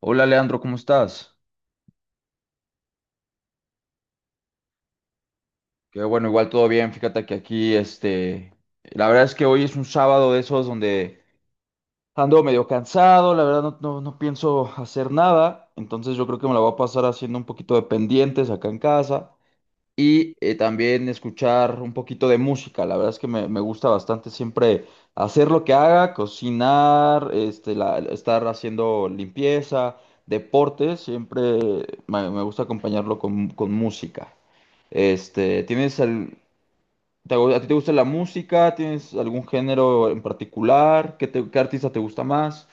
Hola Leandro, ¿cómo estás? Qué bueno, igual todo bien. Fíjate que aquí, la verdad es que hoy es un sábado de esos donde ando medio cansado, la verdad no pienso hacer nada, entonces yo creo que me la voy a pasar haciendo un poquito de pendientes acá en casa. Y también escuchar un poquito de música. La verdad es que me gusta bastante siempre hacer lo que haga, cocinar, este, estar haciendo limpieza, deporte, siempre me gusta acompañarlo con música. Este, ¿ a ti te gusta la música? ¿Tienes algún género en particular? ¿ qué artista te gusta más?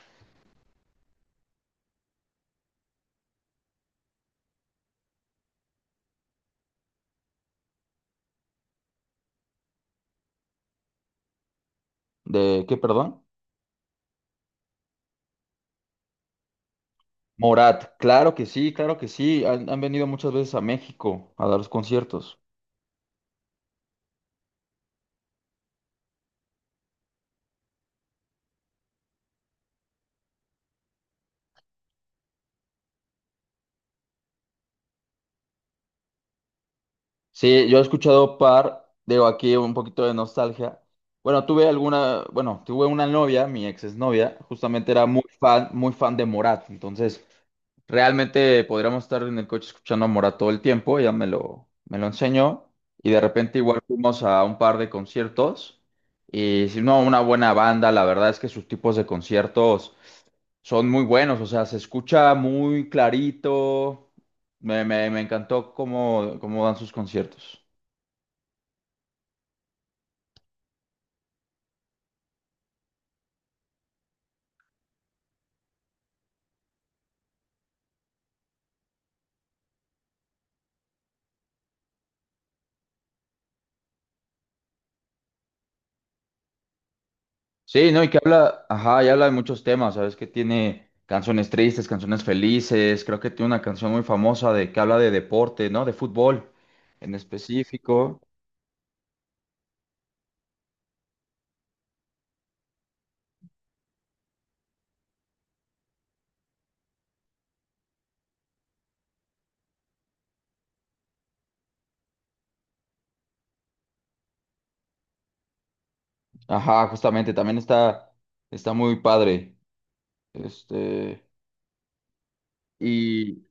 ¿De qué, perdón? Morat, claro que sí, claro que sí. Han venido muchas veces a México a dar los conciertos. Sí, yo he escuchado par, digo aquí un poquito de nostalgia. Bueno, tuve alguna, bueno, tuve una novia, mi ex exnovia, justamente era muy fan de Morat, entonces realmente podríamos estar en el coche escuchando a Morat todo el tiempo, ella me lo enseñó y de repente igual fuimos a un par de conciertos y si no, una buena banda, la verdad es que sus tipos de conciertos son muy buenos, o sea, se escucha muy clarito. Me encantó cómo dan sus conciertos. Sí, ¿no? Y que habla, ajá, y habla de muchos temas, ¿sabes? Que tiene canciones tristes, canciones felices. Creo que tiene una canción muy famosa de que habla de deporte, ¿no? De fútbol en específico. Ajá, justamente, también está muy padre. Este, y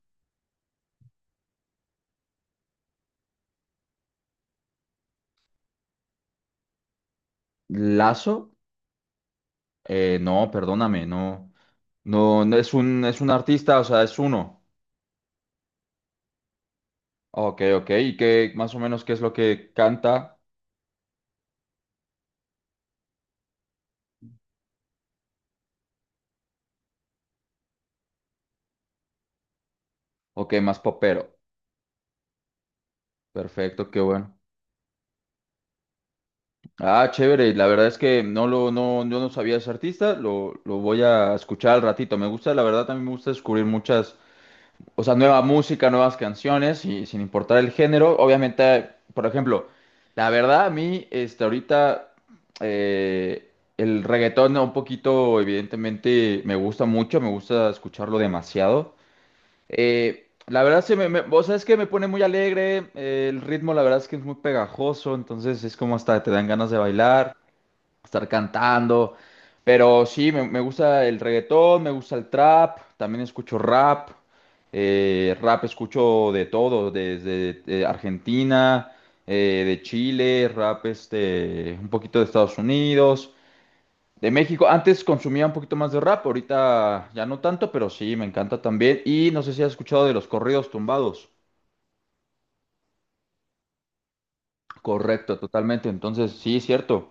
Lazo, no, perdóname, no es es un artista, o sea, es uno. Ok, ok. ¿Y qué más o menos qué es lo que canta? Ok, más popero. Perfecto, qué bueno. Ah, chévere. La verdad es que no lo, no, yo no sabía ese artista. Lo voy a escuchar al ratito. Me gusta, la verdad, también me gusta descubrir muchas, o sea, nueva música, nuevas canciones y sin importar el género. Obviamente, por ejemplo, la verdad a mí, este, ahorita eh, el reggaetón un poquito, evidentemente, me gusta mucho. Me gusta escucharlo demasiado. La verdad, se me, me- O sea, es que me pone muy alegre. El ritmo, la verdad, es que es muy pegajoso. Entonces, es como hasta te dan ganas de bailar, estar cantando. Pero sí, me gusta el reggaetón, me gusta el trap. También escucho rap. Rap escucho de todo, desde Argentina, de Chile, rap este, un poquito de Estados Unidos. De México, antes consumía un poquito más de rap, ahorita ya no tanto, pero sí, me encanta también. Y no sé si has escuchado de los corridos tumbados. Correcto, totalmente. Entonces, sí, cierto.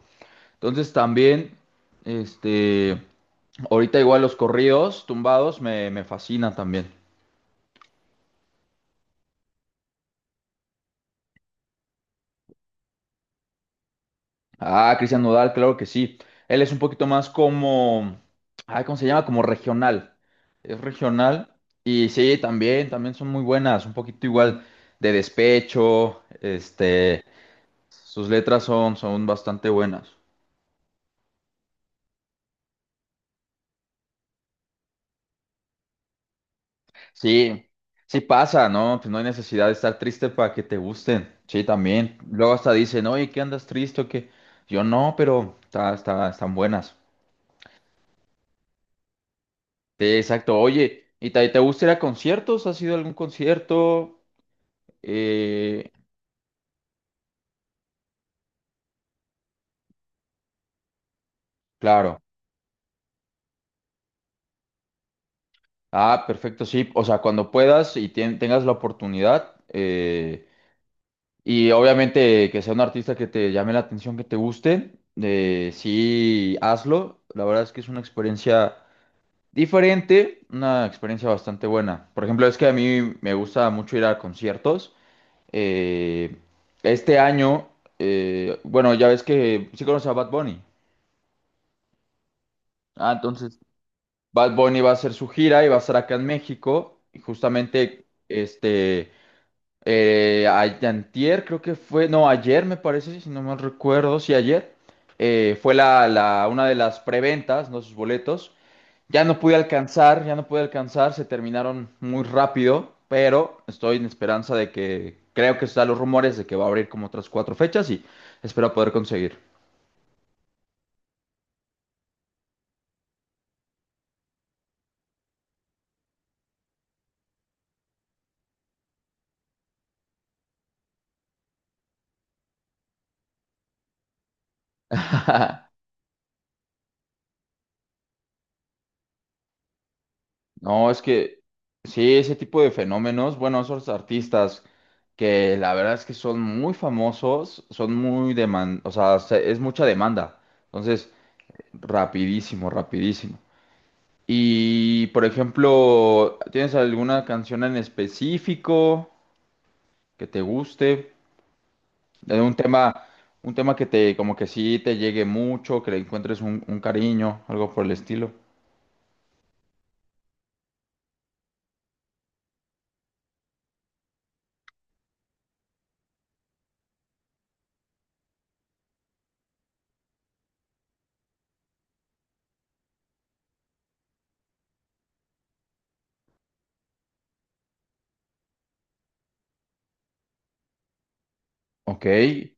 Entonces también, este, ahorita igual los corridos tumbados me fascinan también. Ah, Cristian Nodal, claro que sí. Él es un poquito más como, ay, ¿cómo se llama? Como regional. Es regional. Y sí, también, también son muy buenas, un poquito igual de despecho, este. Sus letras son bastante buenas. Sí, sí pasa, ¿no? Pues no hay necesidad de estar triste para que te gusten. Sí, también. Luego hasta dicen, oye, ¿qué andas triste o qué? Yo no, pero están buenas. Sí, exacto. Oye, ¿y te gusta ir a conciertos? ¿Has ido a algún concierto? Eh, claro. Ah, perfecto, sí. O sea, cuando puedas y tengas la oportunidad, y obviamente que sea un artista que te llame la atención, que te guste, sí, hazlo. La verdad es que es una experiencia diferente, una experiencia bastante buena. Por ejemplo, es que a mí me gusta mucho ir a conciertos. Eh, este año, bueno, ya ves que sí conoces a Bad Bunny. Ah, entonces, Bad Bunny va a hacer su gira y va a estar acá en México. Y justamente, este... antier creo que fue, no, ayer me parece, si no mal recuerdo, sí, ayer fue una de las preventas, ¿no? Sus boletos. Ya no pude alcanzar, ya no pude alcanzar, se terminaron muy rápido, pero estoy en esperanza de que, creo que están los rumores de que va a abrir como otras cuatro fechas y espero poder conseguir. No, es que sí, ese tipo de fenómenos, bueno, esos artistas que la verdad es que son muy famosos, son muy demandados, o sea, es mucha demanda. Entonces, rapidísimo, rapidísimo. Y, por ejemplo, ¿tienes alguna canción en específico que te guste? De un tema que te, como que sí te llegue mucho, que le encuentres un cariño, algo por el estilo. Ok. ¿Y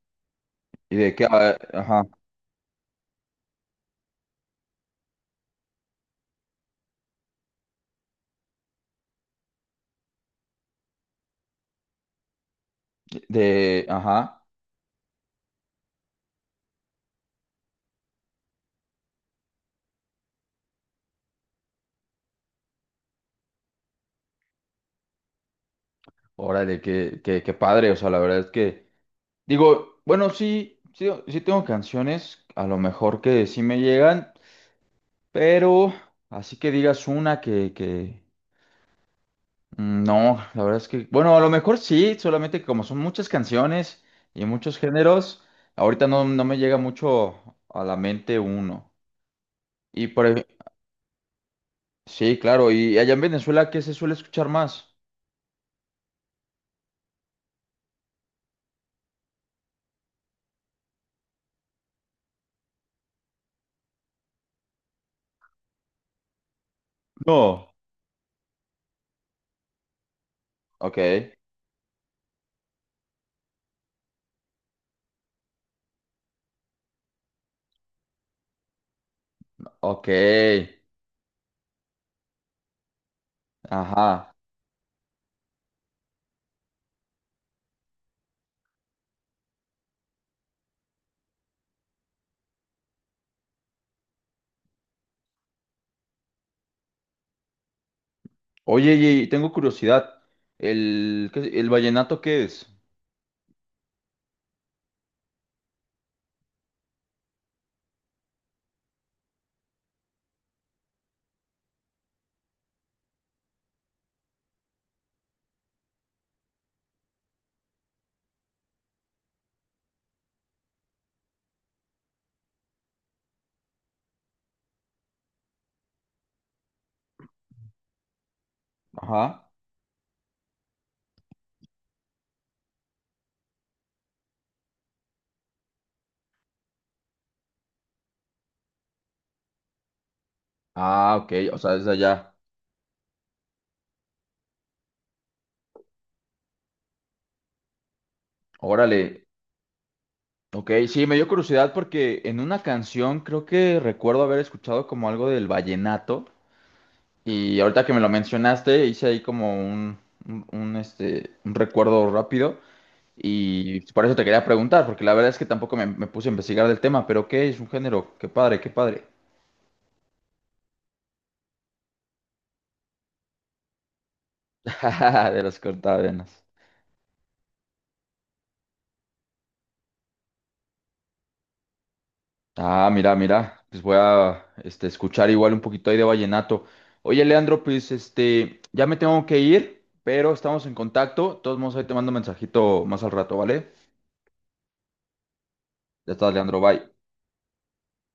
de qué? Ah, ajá. De, ajá. Órale, qué, qué, qué padre, o sea, la verdad es que, digo, bueno, sí tengo canciones, a lo mejor que sí me llegan, pero así que digas una que, mm, no, la verdad es que, bueno, a lo mejor sí, solamente que como son muchas canciones y muchos géneros, ahorita no me llega mucho a la mente uno. Y por ej- sí, claro, y allá en Venezuela, ¿qué se suele escuchar más? No, ok, ok, ajá. Oye, y tengo curiosidad. ¿ el vallenato qué es? Ajá. Ah, ok, o sea, es de allá. Órale. Ok, sí, me dio curiosidad porque en una canción creo que recuerdo haber escuchado como algo del vallenato. Y ahorita que me lo mencionaste, hice ahí como este, un recuerdo rápido. Y por eso te quería preguntar, porque la verdad es que tampoco me puse a investigar del tema, pero qué es un género, qué padre, qué padre. De los cortavenas. Ah, mira, mira, pues voy a este, escuchar igual un poquito ahí de vallenato. Oye, Leandro, pues este, ya me tengo que ir, pero estamos en contacto. De todos modos, ahí te mando un mensajito más al rato, ¿vale? Ya estás, Leandro, bye.